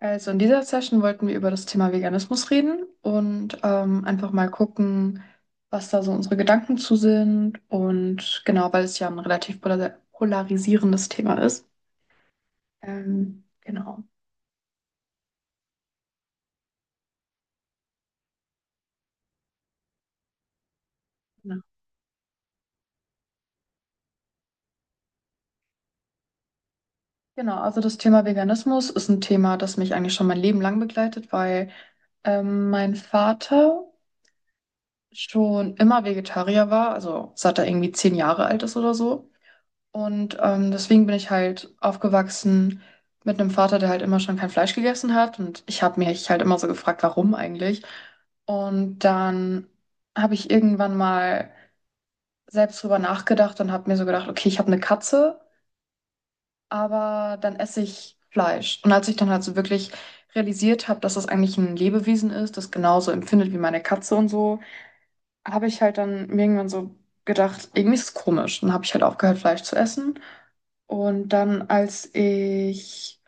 Also in dieser Session wollten wir über das Thema Veganismus reden und einfach mal gucken, was da so unsere Gedanken zu sind und genau, weil es ja ein relativ polarisierendes Thema ist. Genau. Ja. Genau, also das Thema Veganismus ist ein Thema, das mich eigentlich schon mein Leben lang begleitet, weil mein Vater schon immer Vegetarier war, also seit er irgendwie 10 Jahre alt ist oder so. Und deswegen bin ich halt aufgewachsen mit einem Vater, der halt immer schon kein Fleisch gegessen hat. Und ich habe mich halt immer so gefragt, warum eigentlich. Und dann habe ich irgendwann mal selbst drüber nachgedacht und habe mir so gedacht, okay, ich habe eine Katze, aber dann esse ich Fleisch. Und als ich dann halt so wirklich realisiert habe, dass das eigentlich ein Lebewesen ist, das genauso empfindet wie meine Katze und so, habe ich halt dann mir irgendwann so gedacht, irgendwie ist es komisch. Und dann habe ich halt aufgehört, Fleisch zu essen. Und dann, als ich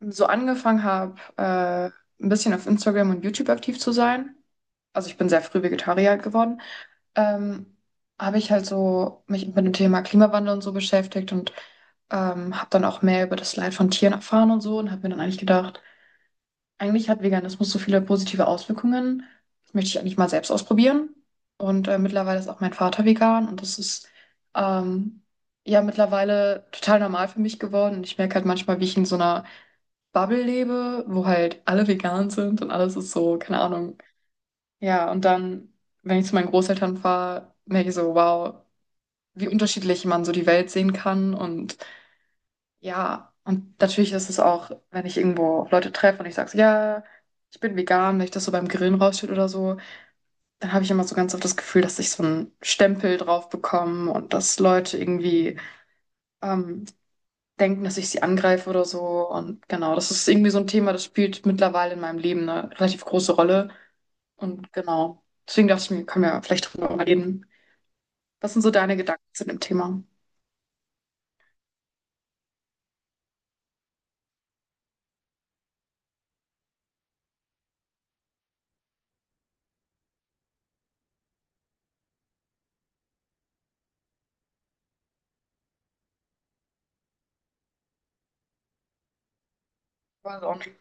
so angefangen habe, ein bisschen auf Instagram und YouTube aktiv zu sein, also ich bin sehr früh Vegetarier geworden. ähm, Habe ich halt so mich mit dem Thema Klimawandel und so beschäftigt und habe dann auch mehr über das Leid von Tieren erfahren und so und habe mir dann eigentlich gedacht, eigentlich hat Veganismus so viele positive Auswirkungen. Das möchte ich eigentlich mal selbst ausprobieren. Und mittlerweile ist auch mein Vater vegan und das ist ähm, ja mittlerweile total normal für mich geworden. Und ich merke halt manchmal, wie ich in so einer Bubble lebe, wo halt alle vegan sind und alles ist so, keine Ahnung. Ja, und dann, wenn ich zu meinen Großeltern fahre, merke ich so, wow, wie unterschiedlich man so die Welt sehen kann. Und ja, und natürlich ist es auch, wenn ich irgendwo auf Leute treffe und ich sage so, ja, ich bin vegan, wenn ich das so beim Grillen rausschütte oder so, dann habe ich immer so ganz oft das Gefühl, dass ich so einen Stempel drauf bekomme und dass Leute irgendwie ähm, denken, dass ich sie angreife oder so. Und genau, das ist irgendwie so ein Thema, das spielt mittlerweile in meinem Leben eine relativ große Rolle. Und genau, deswegen dachte ich mir, können wir vielleicht drüber reden. Was sind so deine Gedanken zu dem Thema? War so auch eine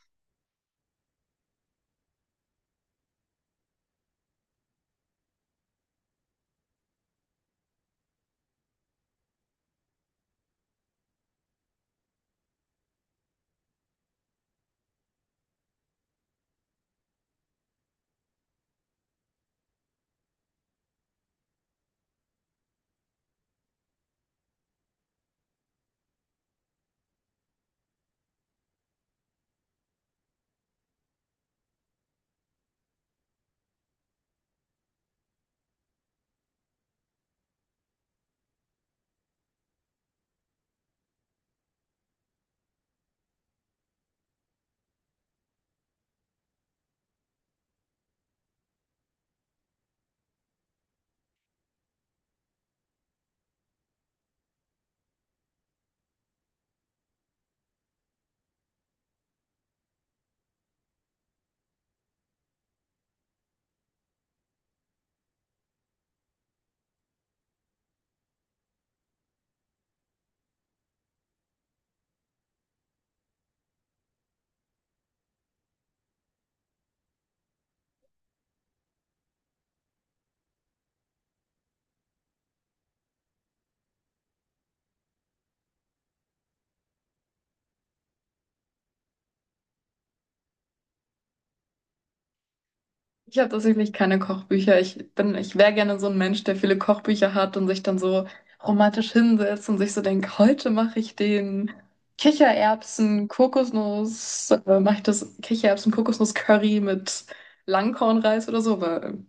Ich habe tatsächlich keine Kochbücher. Ich wäre gerne so ein Mensch, der viele Kochbücher hat und sich dann so romantisch hinsetzt und sich so denkt, heute mache ich den Kichererbsen, Kokosnuss, mache ich das Kichererbsen, Kokosnuss Curry mit Langkornreis oder so, weil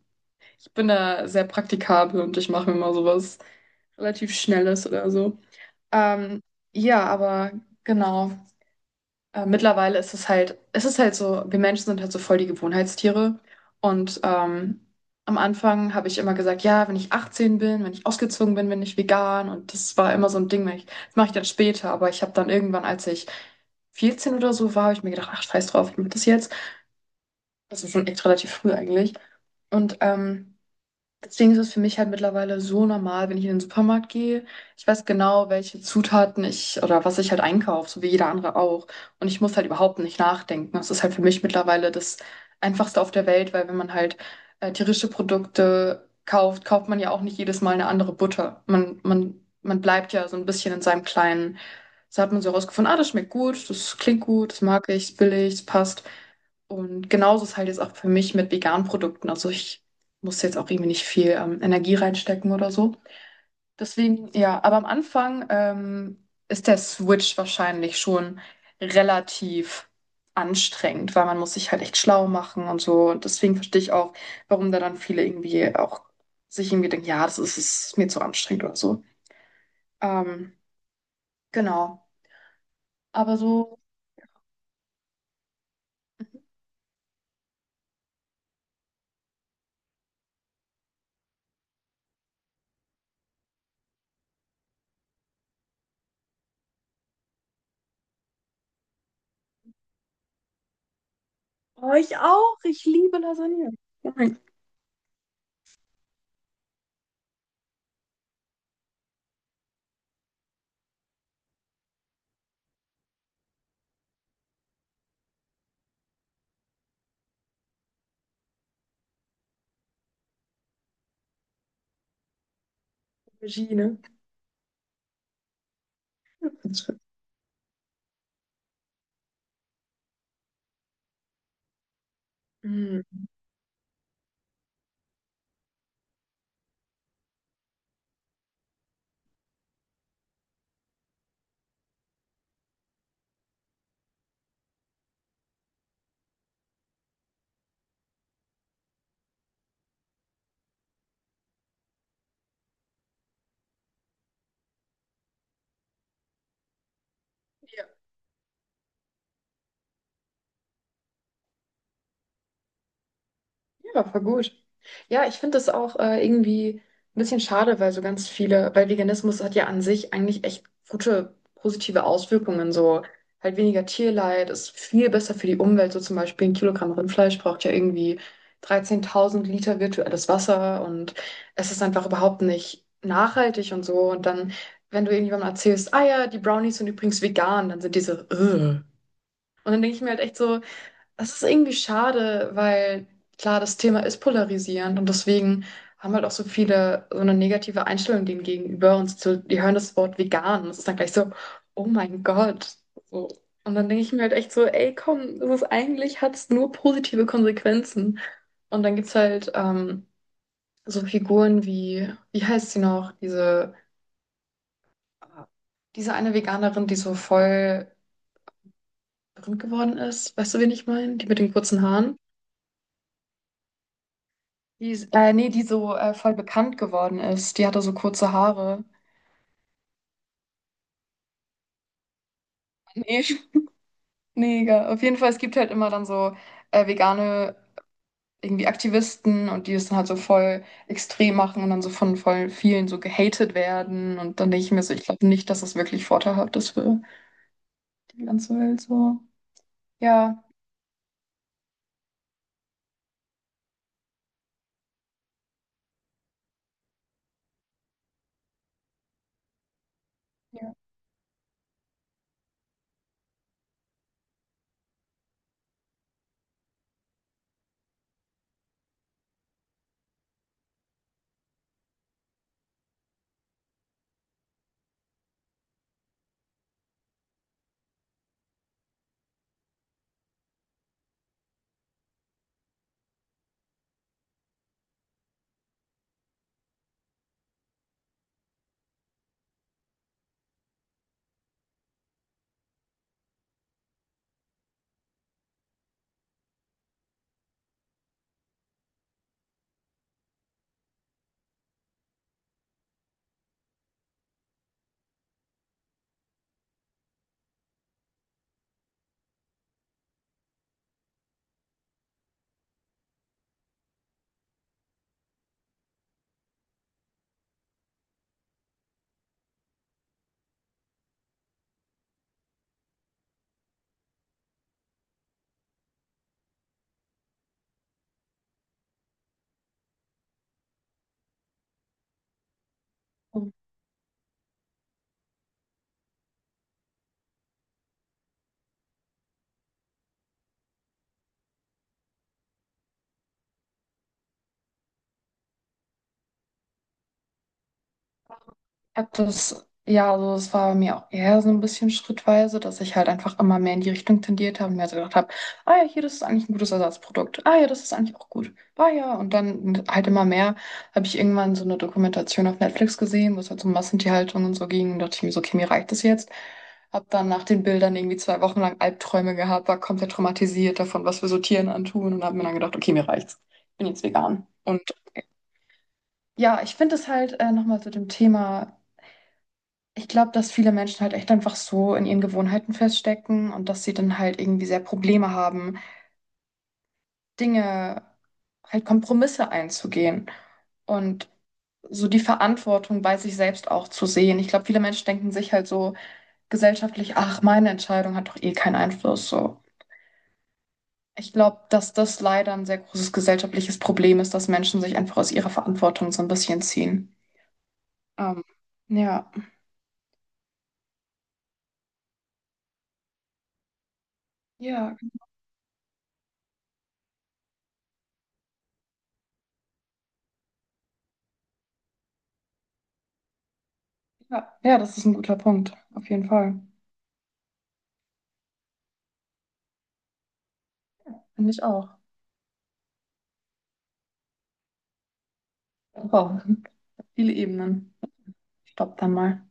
ich bin da sehr praktikabel und ich mache mir mal sowas relativ Schnelles oder so. Ähm, ja, aber genau. Mittlerweile ist es halt, es ist halt so, wir Menschen sind halt so voll die Gewohnheitstiere. Und am Anfang habe ich immer gesagt, ja, wenn ich 18 bin, wenn ich ausgezogen bin, bin ich vegan. Und das war immer so ein Ding, wenn ich, das mache ich dann später. Aber ich habe dann irgendwann, als ich 14 oder so war, habe ich mir gedacht, ach, scheiß drauf, ich mache das jetzt. Das ist schon echt relativ früh eigentlich. Und deswegen ist es für mich halt mittlerweile so normal, wenn ich in den Supermarkt gehe. Ich weiß genau, welche Zutaten ich oder was ich halt einkaufe, so wie jeder andere auch. Und ich muss halt überhaupt nicht nachdenken. Das ist halt für mich mittlerweile das Einfachste auf der Welt, weil wenn man halt tierische Produkte kauft, kauft man ja auch nicht jedes Mal eine andere Butter. Man bleibt ja so ein bisschen in seinem kleinen. So hat man so herausgefunden, ah, das schmeckt gut, das klingt gut, das mag ich, ist billig, es passt. Und genauso ist halt jetzt auch für mich mit veganen Produkten. Also ich muss jetzt auch irgendwie nicht viel Energie reinstecken oder so. Deswegen, ja, aber am Anfang ist der Switch wahrscheinlich schon relativ anstrengend, weil man muss sich halt echt schlau machen und so. Und deswegen verstehe ich auch, warum da dann viele irgendwie auch sich irgendwie denken, ja, das ist, ist mir zu anstrengend oder so. Ähm, genau. Aber so. Oh, ich auch. Ich liebe Lasagne. Oh. Regie, ne? Mhm. Ja, voll gut. Ja, ich finde das auch irgendwie ein bisschen schade, weil so ganz viele, weil Veganismus hat ja an sich eigentlich echt gute, positive Auswirkungen. So halt weniger Tierleid, ist viel besser für die Umwelt. So zum Beispiel ein Kilogramm Rindfleisch braucht ja irgendwie 13.000 Liter virtuelles Wasser und es ist einfach überhaupt nicht nachhaltig und so. Und dann, wenn du irgendjemandem erzählst, ah ja, die Brownies sind übrigens vegan, dann sind diese, so, "Ugh." Und dann denke ich mir halt echt so, das ist irgendwie schade, weil klar, das Thema ist polarisierend und deswegen haben halt auch so viele so eine negative Einstellung dem gegenüber und so, die hören das Wort vegan und es ist dann gleich so, oh mein Gott. So. Und dann denke ich mir halt echt so, ey, komm, das ist eigentlich, hat es nur positive Konsequenzen. Und dann gibt es halt so Figuren wie, wie heißt sie noch, diese eine Veganerin, die so voll berühmt geworden ist. Weißt du, wen ich meine? Die mit den kurzen Haaren. Die ist, nee, die so voll bekannt geworden ist. Die hatte so kurze Haare. Nee, nee, egal. Auf jeden Fall, es gibt halt immer dann so vegane irgendwie Aktivisten und die es dann halt so voll extrem machen und dann so von voll vielen so gehatet werden. Und dann denke ich mir so, ich glaube nicht, dass es wirklich vorteilhaft ist für die ganze Welt so. Ja. Ja. Habe das, ja, also es war bei mir auch eher so ein bisschen schrittweise, dass ich halt einfach immer mehr in die Richtung tendiert habe und mir also gedacht habe, ah ja, hier, das ist eigentlich ein gutes Ersatzprodukt. Ah ja, das ist eigentlich auch gut. Ah ja, und dann halt immer mehr habe ich irgendwann so eine Dokumentation auf Netflix gesehen, wo es halt so um Massentierhaltung und so ging. Und dachte ich mir so, okay, mir reicht das jetzt. Hab dann nach den Bildern irgendwie 2 Wochen lang Albträume gehabt, war komplett traumatisiert davon, was wir so Tieren antun und habe mir dann gedacht, okay, mir reicht's. Ich bin jetzt vegan. Und ja, ich finde es halt nochmal zu dem Thema. Ich glaube, dass viele Menschen halt echt einfach so in ihren Gewohnheiten feststecken und dass sie dann halt irgendwie sehr Probleme haben, Dinge, halt Kompromisse einzugehen und so die Verantwortung bei sich selbst auch zu sehen. Ich glaube, viele Menschen denken sich halt so gesellschaftlich, ach, meine Entscheidung hat doch eh keinen Einfluss so. Ich glaube, dass das leider ein sehr großes gesellschaftliches Problem ist, dass Menschen sich einfach aus ihrer Verantwortung so ein bisschen ziehen. Ähm, ja, ja, ja, ja, das ist ein guter Punkt, auf jeden Fall. Finde ich auch. Wow, viele Ebenen. Stopp dann mal.